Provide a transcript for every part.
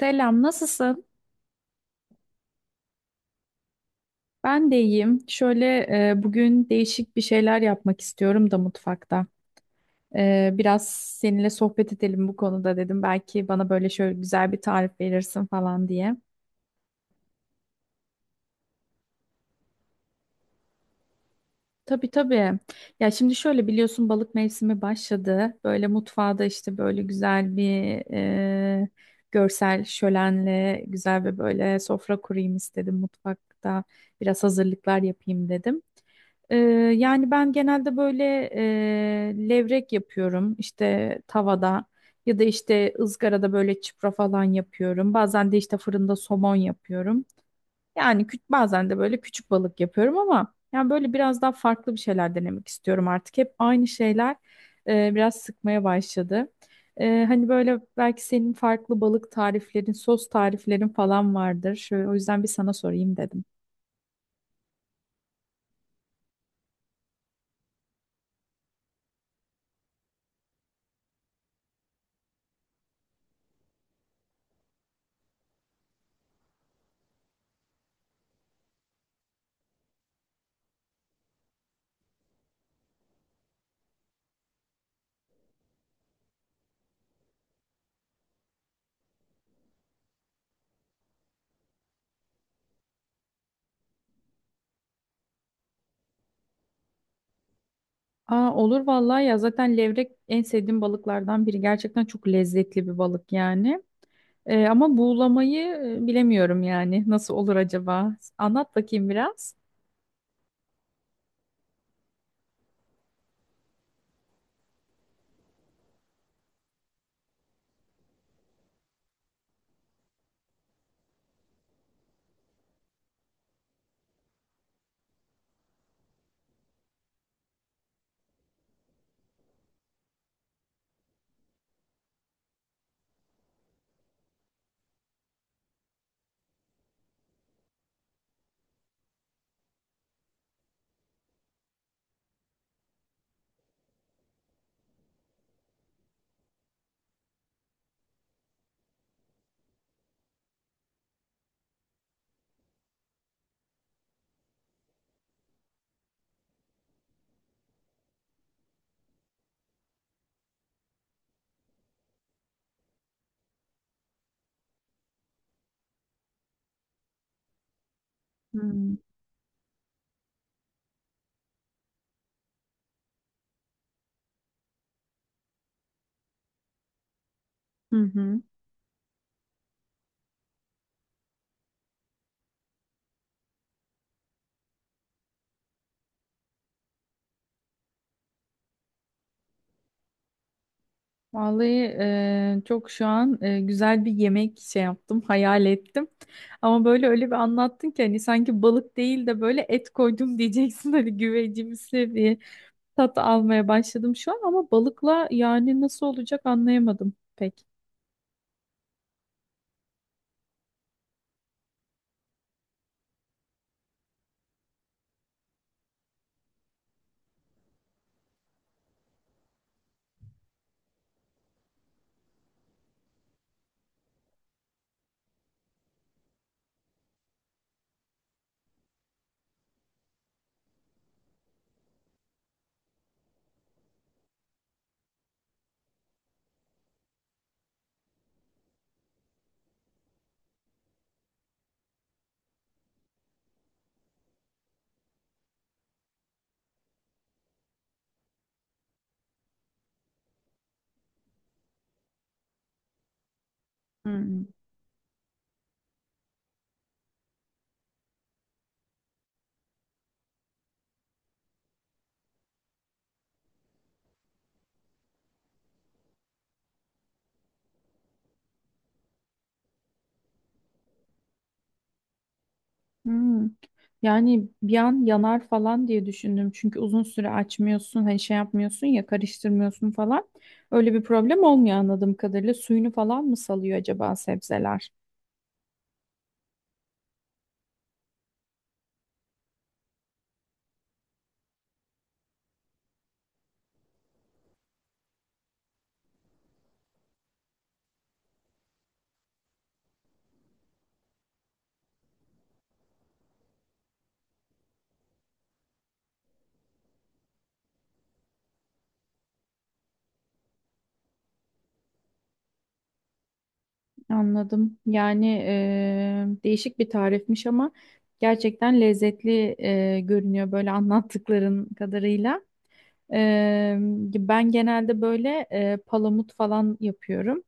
Selam, nasılsın? Ben de iyiyim. Şöyle bugün değişik bir şeyler yapmak istiyorum da mutfakta. Biraz seninle sohbet edelim bu konuda dedim. Belki bana böyle şöyle güzel bir tarif verirsin falan diye. Tabii tabii. Ya şimdi şöyle biliyorsun balık mevsimi başladı. Böyle mutfağda işte böyle güzel bir e, görsel şölenle güzel ve böyle sofra kurayım istedim mutfakta. Biraz hazırlıklar yapayım dedim. Ee, Yani ben genelde böyle levrek yapıyorum işte tavada ya da işte ızgarada böyle çipra falan yapıyorum. Bazen de işte fırında somon yapıyorum. Yani bazen de böyle küçük balık yapıyorum ama yani böyle biraz daha farklı bir şeyler denemek istiyorum artık. Hep aynı şeyler biraz sıkmaya başladı. Hani böyle belki senin farklı balık tariflerin, sos tariflerin falan vardır. Şöyle, o yüzden bir sana sorayım dedim. Aa, olur vallahi ya, zaten levrek en sevdiğim balıklardan biri. Gerçekten çok lezzetli bir balık yani. Ama buğulamayı bilemiyorum yani. Nasıl olur acaba? Anlat bakayım biraz. Hmm. Hı hı. Vallahi çok şu an güzel bir yemek şey yaptım, hayal ettim. Ama böyle öyle bir anlattın ki hani sanki balık değil de böyle et koydum diyeceksin hani güvecimsi bir tat almaya başladım şu an ama balıkla yani nasıl olacak anlayamadım pek. Hı. Hmm. Yani bir an yanar falan diye düşündüm. Çünkü uzun süre açmıyorsun, hani şey yapmıyorsun ya, karıştırmıyorsun falan. Öyle bir problem olmuyor anladığım kadarıyla. Suyunu falan mı salıyor acaba sebzeler? Anladım. Yani değişik bir tarifmiş ama gerçekten lezzetli görünüyor böyle anlattıkların kadarıyla. Eee, Ben genelde böyle palamut falan yapıyorum.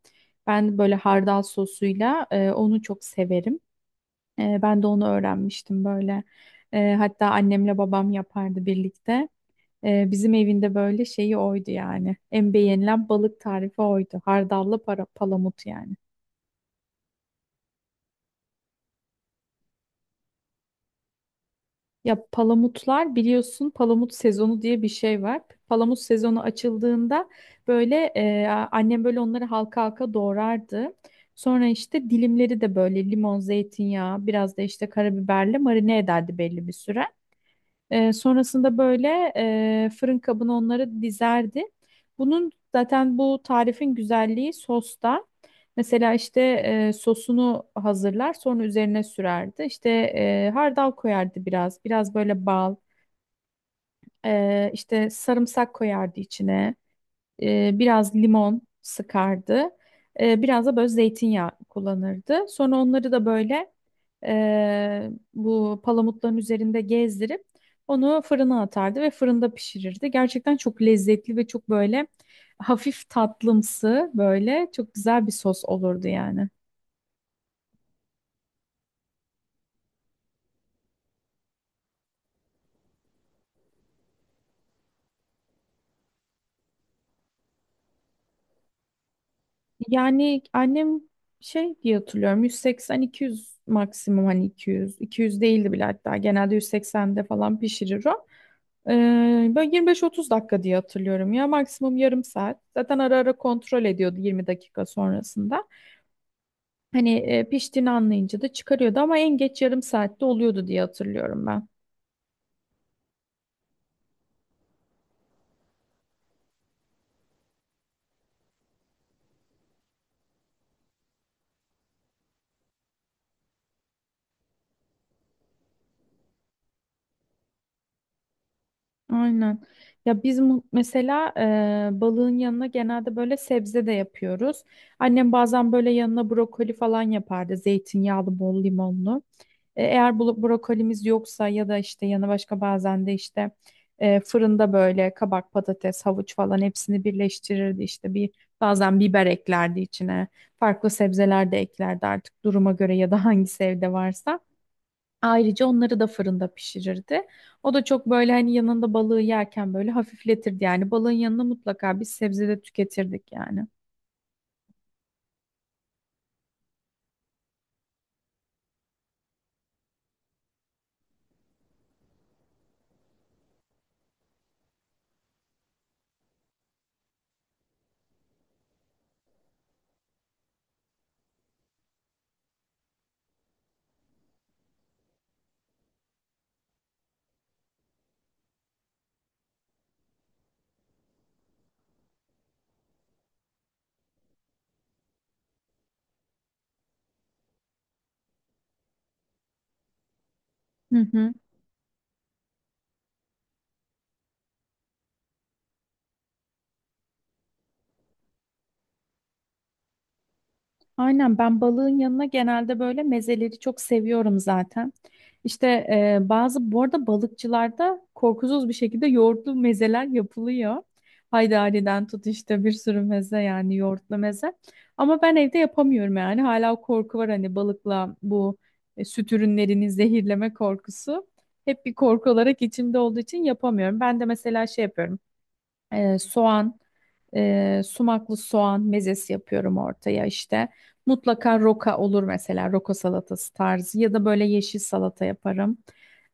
Ben böyle hardal sosuyla onu çok severim. Ben de onu öğrenmiştim böyle. Hatta annemle babam yapardı birlikte. Bizim evinde böyle şeyi oydu yani. En beğenilen balık tarifi oydu. Hardallı palamut yani. Ya palamutlar biliyorsun palamut sezonu diye bir şey var. Palamut sezonu açıldığında böyle annem böyle onları halka halka doğrardı. Sonra işte dilimleri de böyle limon, zeytinyağı, biraz da işte karabiberle marine ederdi belli bir süre. Sonrasında böyle fırın kabına onları dizerdi. Bunun zaten bu tarifin güzelliği sosta. Mesela işte sosunu hazırlar, sonra üzerine sürerdi. İşte hardal koyardı biraz, biraz böyle bal, işte sarımsak koyardı içine, biraz limon sıkardı. Biraz da böyle zeytinyağı kullanırdı. Sonra onları da böyle bu palamutların üzerinde gezdirip onu fırına atardı ve fırında pişirirdi. Gerçekten çok lezzetli ve çok böyle hafif tatlımsı, böyle çok güzel bir sos olurdu yani. Yani annem şey diye hatırlıyorum 180-200 maksimum, hani 200 200 değildi bile, hatta genelde 180'de falan pişirir o. Böyle 25-30 dakika diye hatırlıyorum ya, maksimum 30 dakika. Zaten ara ara kontrol ediyordu 20 dakika sonrasında. Hani piştiğini anlayınca da çıkarıyordu, ama en geç 30 dakikada oluyordu diye hatırlıyorum. Aynen. Ya biz mesela balığın yanına genelde böyle sebze de yapıyoruz. Annem bazen böyle yanına brokoli falan yapardı. Zeytinyağlı, bol limonlu. Eğer bu brokolimiz yoksa ya da işte yanı başka, bazen de işte fırında böyle kabak, patates, havuç falan hepsini birleştirirdi. İşte bir, bazen biber eklerdi içine. Farklı sebzeler de eklerdi artık duruma göre ya da hangisi evde varsa. Ayrıca onları da fırında pişirirdi. O da çok böyle hani yanında balığı yerken böyle hafifletirdi. Yani balığın yanına mutlaka bir sebze de tüketirdik yani. Hı hı. Aynen, ben balığın yanına genelde böyle mezeleri çok seviyorum zaten. İşte bazı bu arada balıkçılarda korkusuz bir şekilde yoğurtlu mezeler yapılıyor. Haydari'den tut işte bir sürü meze, yani yoğurtlu meze. Ama ben evde yapamıyorum yani, hala o korku var hani balıkla bu süt ürünlerini zehirleme korkusu. Hep bir korku olarak içimde olduğu için yapamıyorum. Ben de mesela şey yapıyorum, soğan, sumaklı soğan mezesi yapıyorum ortaya işte. Mutlaka roka olur, mesela roka salatası tarzı ya da böyle yeşil salata yaparım.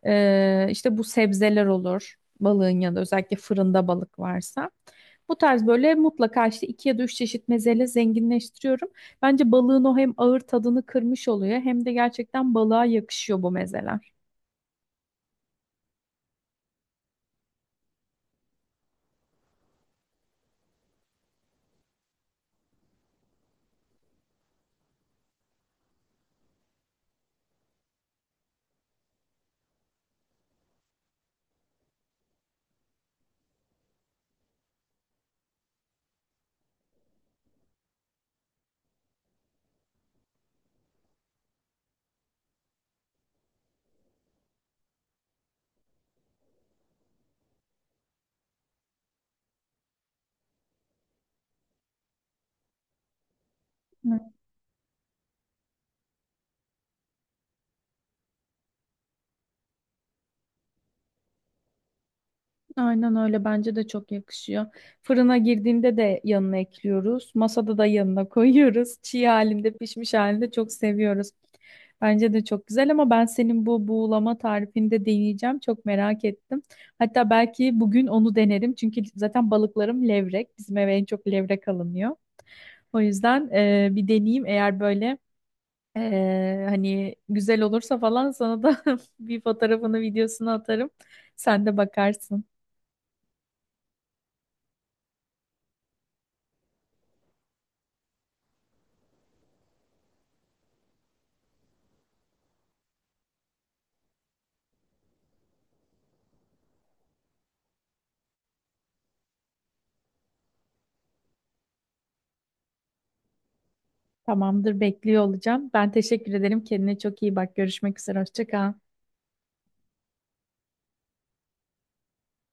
İşte bu sebzeler olur balığın yanında, özellikle fırında balık varsa. Bu tarz böyle mutlaka işte 2 ya da 3 çeşit mezeyle zenginleştiriyorum. Bence balığın o hem ağır tadını kırmış oluyor hem de gerçekten balığa yakışıyor bu mezeler. Aynen öyle, bence de çok yakışıyor. Fırına girdiğinde de yanına ekliyoruz. Masada da yanına koyuyoruz. Çiğ halinde, pişmiş halinde çok seviyoruz. Bence de çok güzel, ama ben senin bu buğulama tarifini de deneyeceğim. Çok merak ettim. Hatta belki bugün onu denerim. Çünkü zaten balıklarım levrek. Bizim eve en çok levrek alınıyor. O yüzden bir deneyeyim. Eğer böyle hani güzel olursa falan sana da bir fotoğrafını, videosunu atarım. Sen de bakarsın. Tamamdır, bekliyor olacağım. Ben teşekkür ederim. Kendine çok iyi bak. Görüşmek üzere. Hoşça kal.